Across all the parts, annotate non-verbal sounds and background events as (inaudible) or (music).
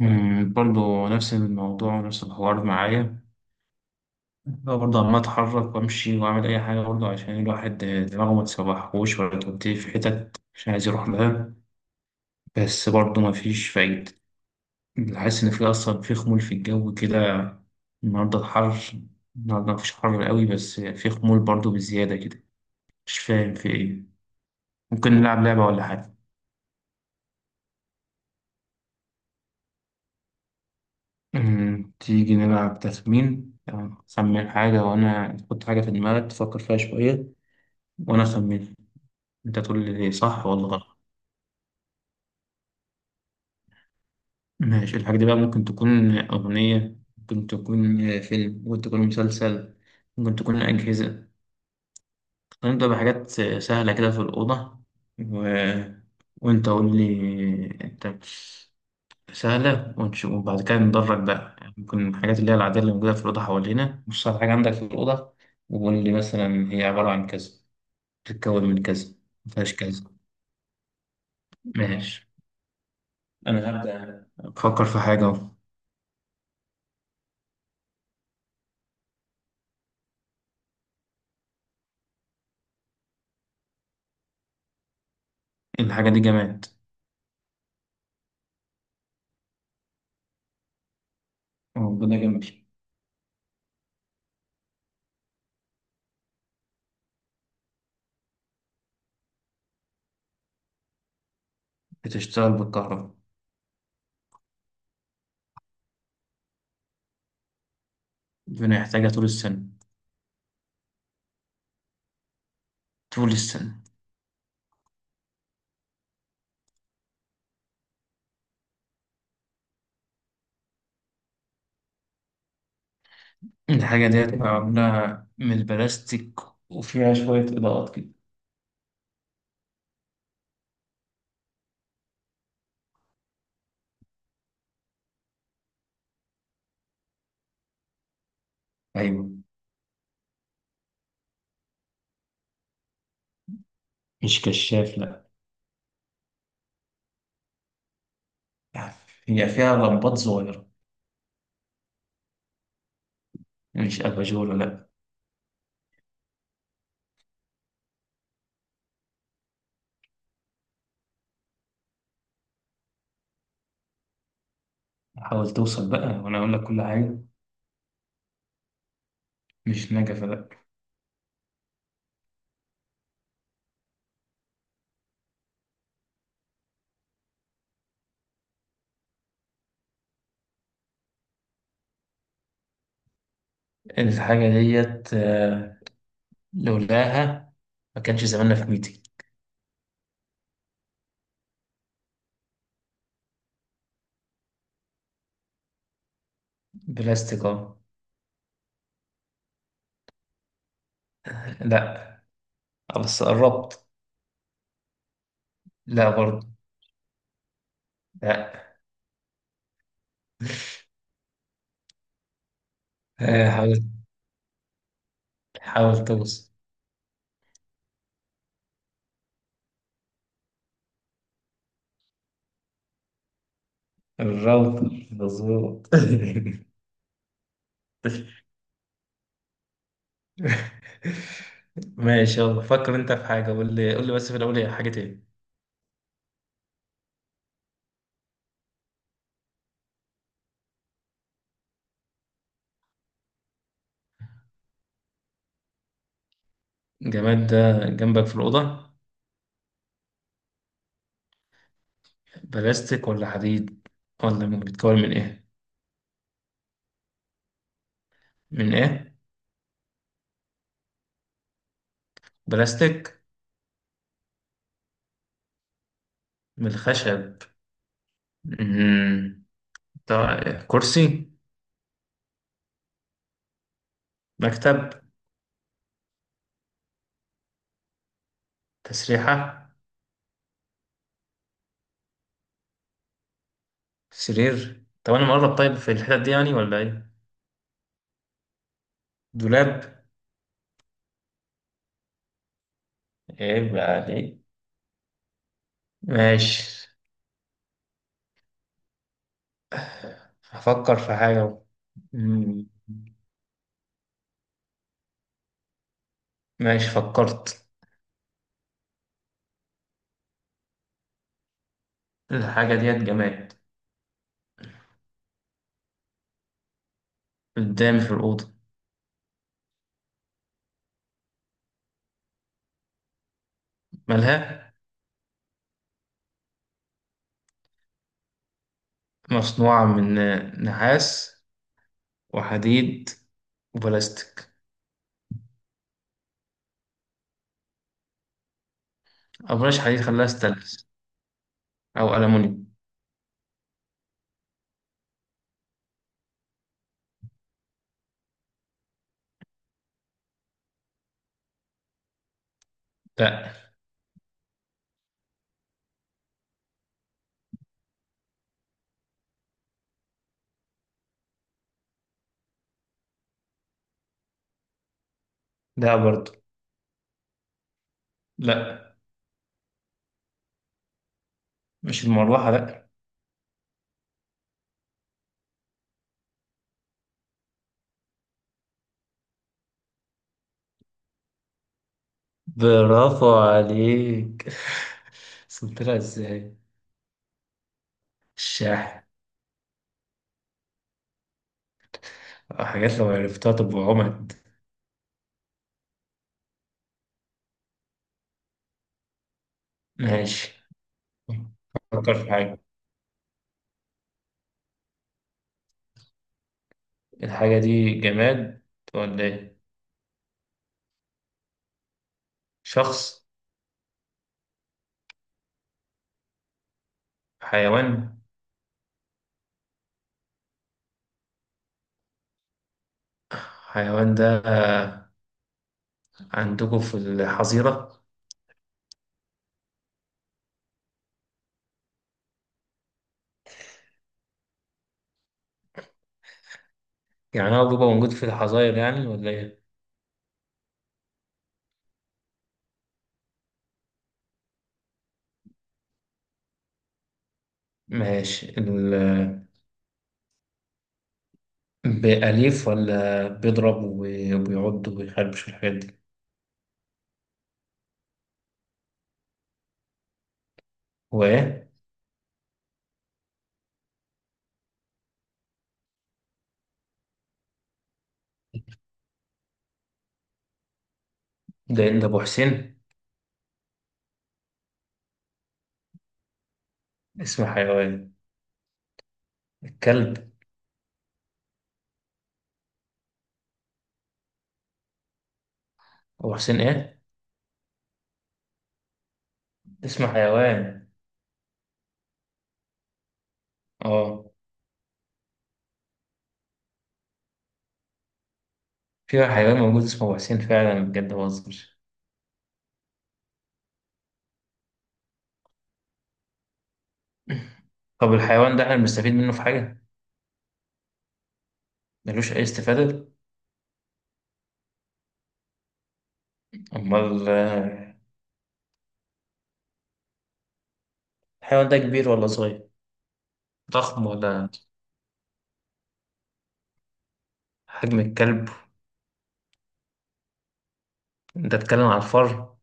برضو نفس الموضوع ونفس الحوار معايا. هو برضه عمال أتحرك وأمشي وأعمل أي حاجة برضه عشان الواحد دماغه ما تسوحهوش ولا توديه في حتت مش عايز يروح لها، بس برضه مفيش فايدة. حاسس إن في أصلا، في خمول في الجو كده. النهاردة الحر، النهاردة مفيش حر قوي، بس في خمول برضه بزيادة كده. مش فاهم في إيه. ممكن نلعب لعبة ولا حاجة؟ تيجي نلعب تخمين، يعني خمن حاجة، وأنا تحط حاجة في دماغك تفكر فيها شوية وأنا أخمن. انت تقول لي إيه؟ صح ولا غلط. ماشي، الحاجة دي بقى ممكن تكون أغنية، ممكن تكون فيلم، ممكن تكون مسلسل، ممكن تكون أجهزة. هنبدأ بحاجات سهلة كده في الأوضة، و... وأنت قول لي أنت. سهلة، وبعد كده ندرج بقى، يعني ممكن الحاجات اللي هي العادية اللي موجودة في الأوضة حوالينا، مش صعب حاجة عندك في الأوضة. وقول لي مثلا هي عبارة عن كذا، بتتكون من كذا، مفيهاش كذا. ماشي، أنا هبدأ أفكر في حاجة أهو. الحاجة دي جماد. ربنا جميل. بتشتغل بالكهرباء. ربنا يحتاجها طول السنة. طول السنة. الحاجة دي هتبقى معمولة من البلاستيك، وفيها شوية إضاءات كده. أيوة. مش كشاف، لأ. هي فيها لمبات صغيرة. مش أباجورة، لأ. حاول توصل بقى وأنا أقول لك كل حاجة. مش نجفة، لأ. الحاجة ديت لولاها ما كانش زماننا في ميتي. بلاستيك أه. لأ. بس قربت. لأ برضه. لأ. حاول، حاول توصل. الراوتر مظبوط. (laughs) ماشي، يلا فكر انت في حاجة، قول لي، قول لي بس في الأول هي حاجة ايه. الجماد ده جنبك في الأوضة، بلاستيك ولا حديد، بيتكون من ايه؟ من ايه؟ بلاستيك؟ من الخشب. مم. ده كرسي؟ مكتب؟ تسريحة؟ سرير؟ طب انا مقرب طيب في الحتت دي يعني ولا ايه؟ دولاب. ايه بقى دي؟ ماشي. هفكر في حاجة. مم. ماشي، فكرت. الحاجة ديت جماد. قدامي في الأوضة. مالها؟ مصنوعة من نحاس، وحديد، وبلاستيك. أو بلاش حديد، خليها ستانلس، أو ألمونيوم. لأ. لأ برضه. لأ. مش المروحة، لأ. برافو عليك! (laughs) وصلت لها إزاي؟ الشاحن. أو حاجات لو عرفتها تبقى عمد. ماشي، فكر في حاجة. الحاجة دي جماد ولا إيه؟ شخص؟ حيوان؟ حيوان ده عندكم في الحظيرة؟ يعني هو بيبقى موجود في الحظاير يعني ولا إيه؟ ماشي. بأليف ولا بيضرب وبيعض وبيخربش الحاجات دي؟ هو إيه؟ ده إيه؟ ده أبو حسين؟ اسم حيوان. الكلب. أبو حسين إيه؟ اسم حيوان. آه. في حيوان موجود اسمه أبو حسين فعلا، بجد ما بهزرش. طب الحيوان ده احنا بنستفيد منه في حاجة؟ ملوش أي استفادة؟ أمال الحيوان ده كبير ولا صغير؟ ضخم ولا؟ حجم الكلب؟ أنت بتتكلم على الفار؟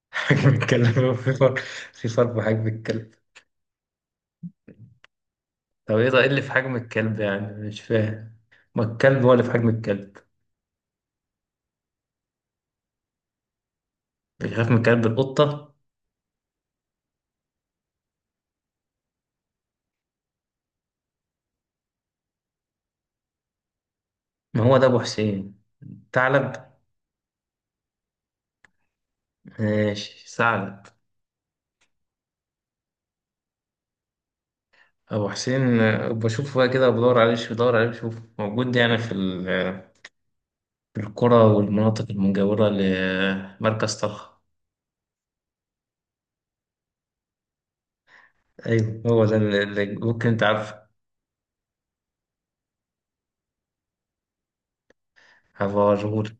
(laughs) حجم الكلب في فار؟ في فار بحجم الكلب؟ طب إيه ده؟ إيه اللي في حجم الكلب يعني؟ مش فاهم. ما الكلب هو اللي في حجم الكلب. بيخاف من كلب القطة؟ ما هو ده أبو حسين. ثعلب؟ ماشي ثعلب. أبو حسين، بشوفه بقى كده، بدور عليه شوف، بدور عليه شوف موجود يعني في في القرى والمناطق المجاورة لمركز طلخ. ايوه، هو ده اللي ممكن انت عارفه. هبوريهولك.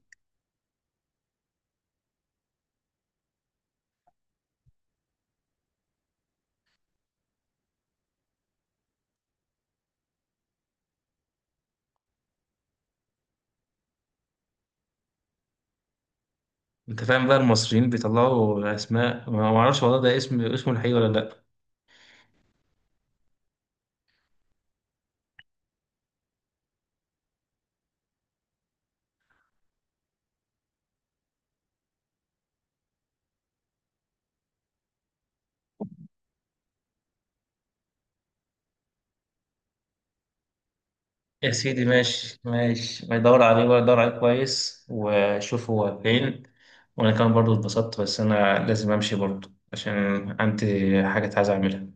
انت فاهم بقى المصريين بيطلعوا اسماء، ما اعرفش والله، ده اسم اسمه الحقيقي ولا لا. يا سيدي ماشي ماشي، ما يدور عليه ولا يدور عليه كويس وشوف هو فين. وانا كمان برضو اتبسطت، بس انا لازم امشي برضو عشان عندي حاجة عايز اعملها.